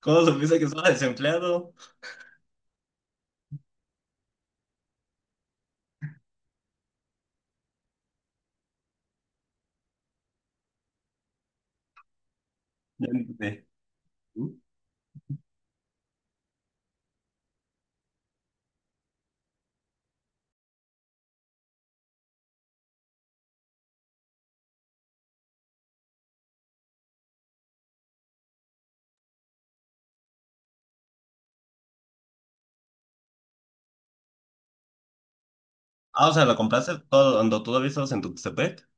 ¿Cómo supiste que estaba desempleado? Ya entendí. Ah, o sea, lo compraste todo, cuando todavía estabas en tu Tuxtepec.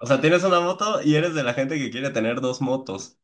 O sea, tienes una moto y eres de la gente que quiere tener dos motos.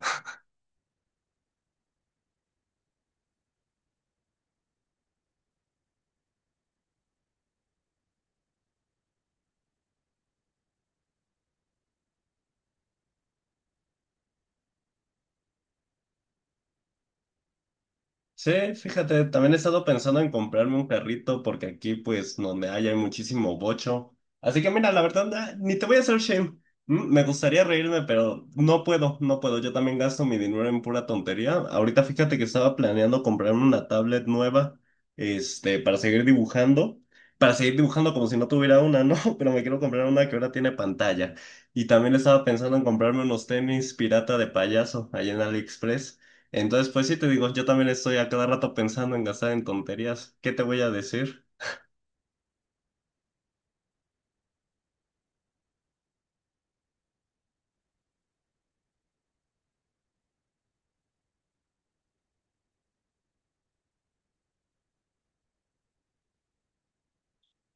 Sí, fíjate, también he estado pensando en comprarme un carrito porque aquí, pues, donde hay muchísimo bocho. Así que mira, la verdad, ah, ni te voy a hacer shame. Me gustaría reírme, pero no puedo, no puedo. Yo también gasto mi dinero en pura tontería. Ahorita fíjate que estaba planeando comprarme una tablet nueva, este, para seguir dibujando. Para seguir dibujando como si no tuviera una, ¿no? Pero me quiero comprar una que ahora tiene pantalla. Y también estaba pensando en comprarme unos tenis pirata de payaso allá en AliExpress. Entonces, pues sí, te digo, yo también estoy a cada rato pensando en gastar en tonterías. ¿Qué te voy a decir?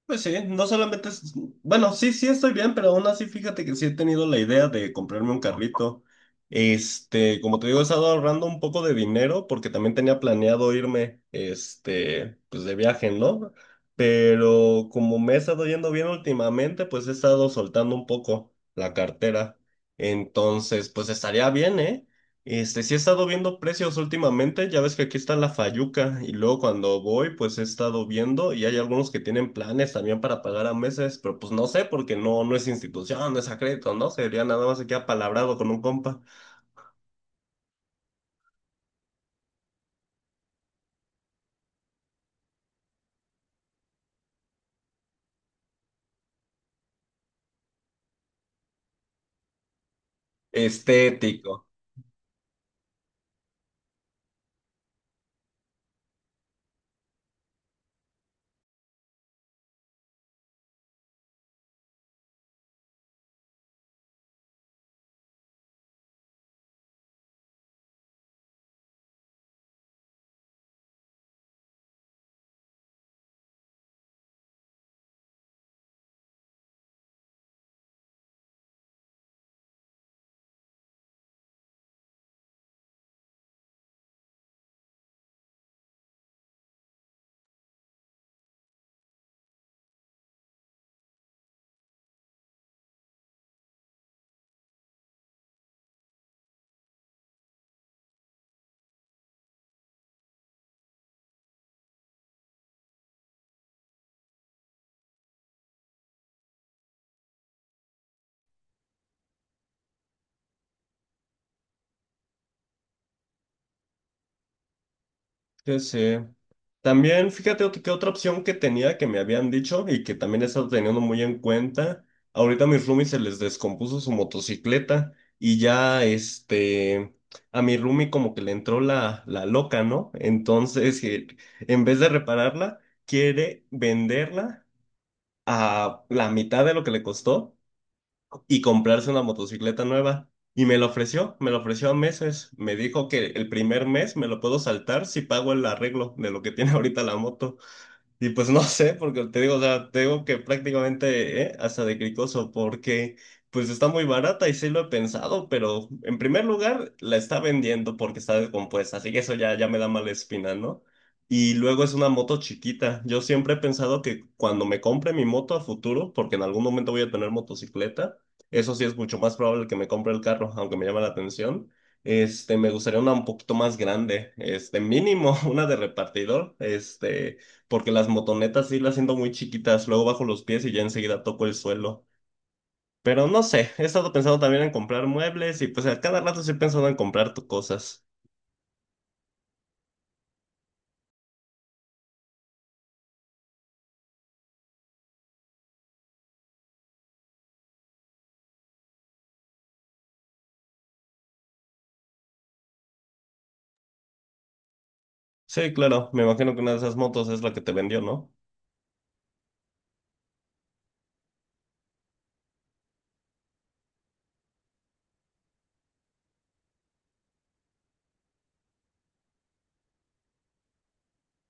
Pues sí, no solamente es... Bueno, sí, sí estoy bien, pero aún así fíjate que sí he tenido la idea de comprarme un carrito. Este, como te digo, he estado ahorrando un poco de dinero porque también tenía planeado irme, este, pues de viaje, ¿no? Pero como me he estado yendo bien últimamente, pues he estado soltando un poco la cartera. Entonces, pues estaría bien, ¿eh? Este, sí he estado viendo precios últimamente, ya ves que aquí está la Fayuca y luego cuando voy pues he estado viendo y hay algunos que tienen planes también para pagar a meses, pero pues no sé porque no, no es institución, no es a crédito, ¿no? Sería nada más aquí apalabrado con un compa estético. Sí, sí. También, fíjate que otra opción que tenía que me habían dicho y que también he estado teniendo muy en cuenta, ahorita a mis roomies se les descompuso su motocicleta y ya este, a mi roomie como que le entró la loca, ¿no? Entonces, en vez de repararla, quiere venderla a la mitad de lo que le costó y comprarse una motocicleta nueva. Y me lo ofreció a meses. Me dijo que el primer mes me lo puedo saltar si pago el arreglo de lo que tiene ahorita la moto. Y pues no sé, porque te digo, o sea, te digo que prácticamente hasta de cricoso, porque pues está muy barata y sí lo he pensado, pero en primer lugar la está vendiendo porque está descompuesta, así que eso ya, ya me da mala espina, ¿no? Y luego es una moto chiquita. Yo siempre he pensado que cuando me compre mi moto a futuro, porque en algún momento voy a tener motocicleta, eso sí es mucho más probable que me compre el carro, aunque me llama la atención. Este, me gustaría una un poquito más grande, este, mínimo una de repartidor, este porque las motonetas sí las siento muy chiquitas, luego bajo los pies y ya enseguida toco el suelo. Pero no sé, he estado pensando también en comprar muebles y pues a cada rato estoy pensando en comprar cosas. Sí, claro, me imagino que una de esas motos es la que te vendió, ¿no?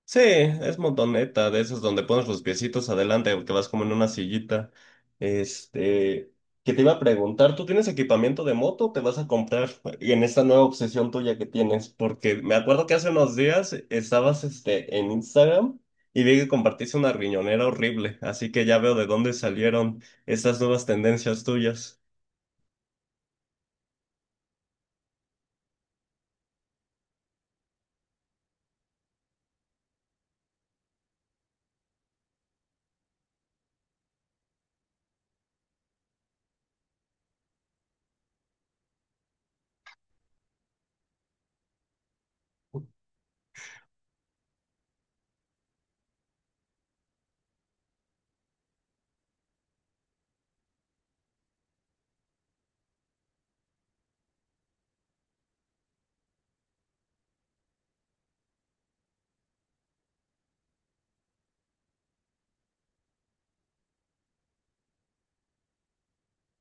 Sí, es montoneta, de esas donde pones los piecitos adelante, que vas como en una sillita. Este, que te iba a preguntar, ¿tú tienes equipamiento de moto o te vas a comprar en esta nueva obsesión tuya que tienes? Porque me acuerdo que hace unos días estabas este, en Instagram y vi que compartiste una riñonera horrible, así que ya veo de dónde salieron estas nuevas tendencias tuyas.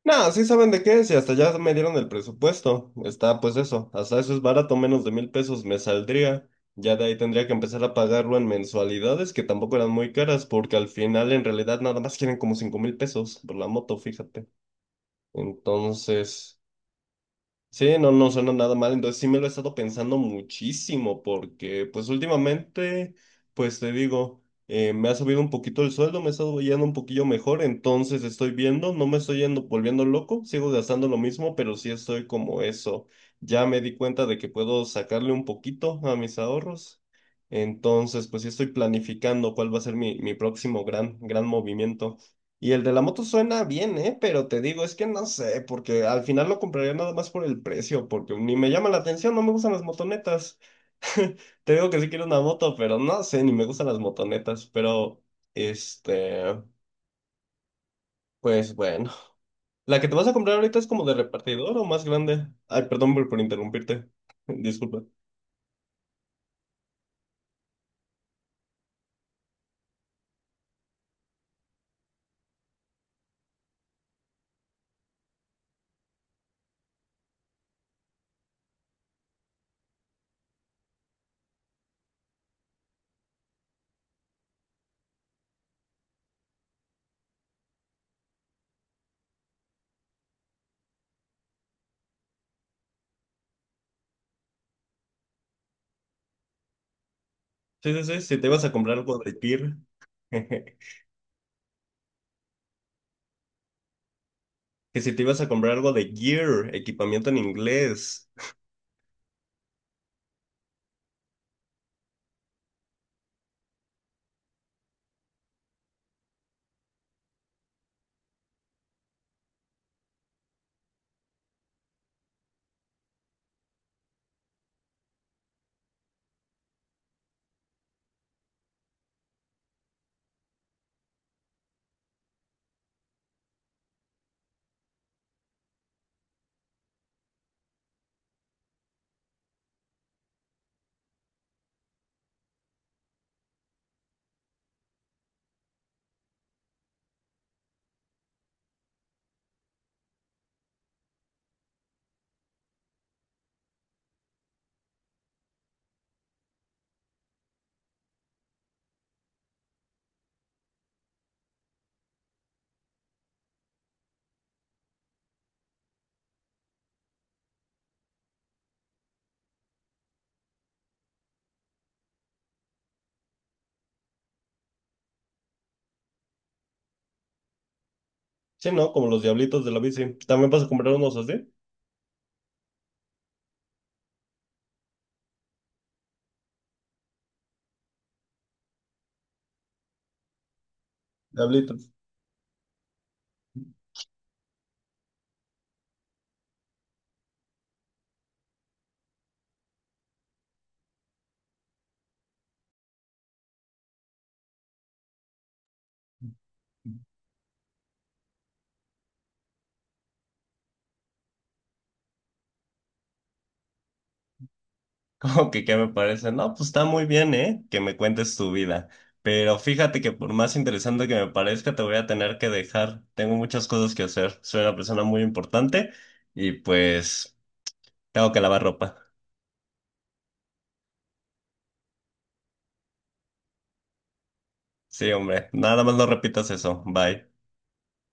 No, sí saben de qué es y hasta ya me dieron el presupuesto. Está pues eso, hasta eso es barato, menos de $1,000 me saldría. Ya de ahí tendría que empezar a pagarlo en mensualidades que tampoco eran muy caras porque al final en realidad nada más quieren como $5,000 por la moto, fíjate. Entonces... Sí, no, no suena nada mal, entonces sí me lo he estado pensando muchísimo porque pues últimamente, pues te digo, me ha subido un poquito el sueldo, me he estado yendo un poquillo mejor, entonces estoy viendo, no me estoy yendo volviendo loco, sigo gastando lo mismo, pero sí estoy como eso, ya me di cuenta de que puedo sacarle un poquito a mis ahorros, entonces pues sí estoy planificando cuál va a ser mi próximo gran, gran movimiento. Y el de la moto suena bien, ¿eh? Pero te digo, es que no sé, porque al final lo compraría nada más por el precio, porque ni me llama la atención, no me gustan las motonetas. Te digo que sí quiero una moto, pero no sé, ni me gustan las motonetas, pero este, pues bueno. ¿La que te vas a comprar ahorita es como de repartidor o más grande? Ay, perdón por interrumpirte. Disculpa. Sí, sí, sí, si te ibas a comprar algo de Gear. Que si te ibas a comprar algo de Gear, equipamiento en inglés. Sí, ¿no? Como los diablitos de la bici. ¿También vas a comprar unos así? Diablitos. ¿Como que qué me parece? No, pues está muy bien, ¿eh? Que me cuentes tu vida. Pero fíjate que por más interesante que me parezca, te voy a tener que dejar. Tengo muchas cosas que hacer. Soy una persona muy importante y pues tengo que lavar ropa. Sí, hombre. Nada más no repitas eso. Bye.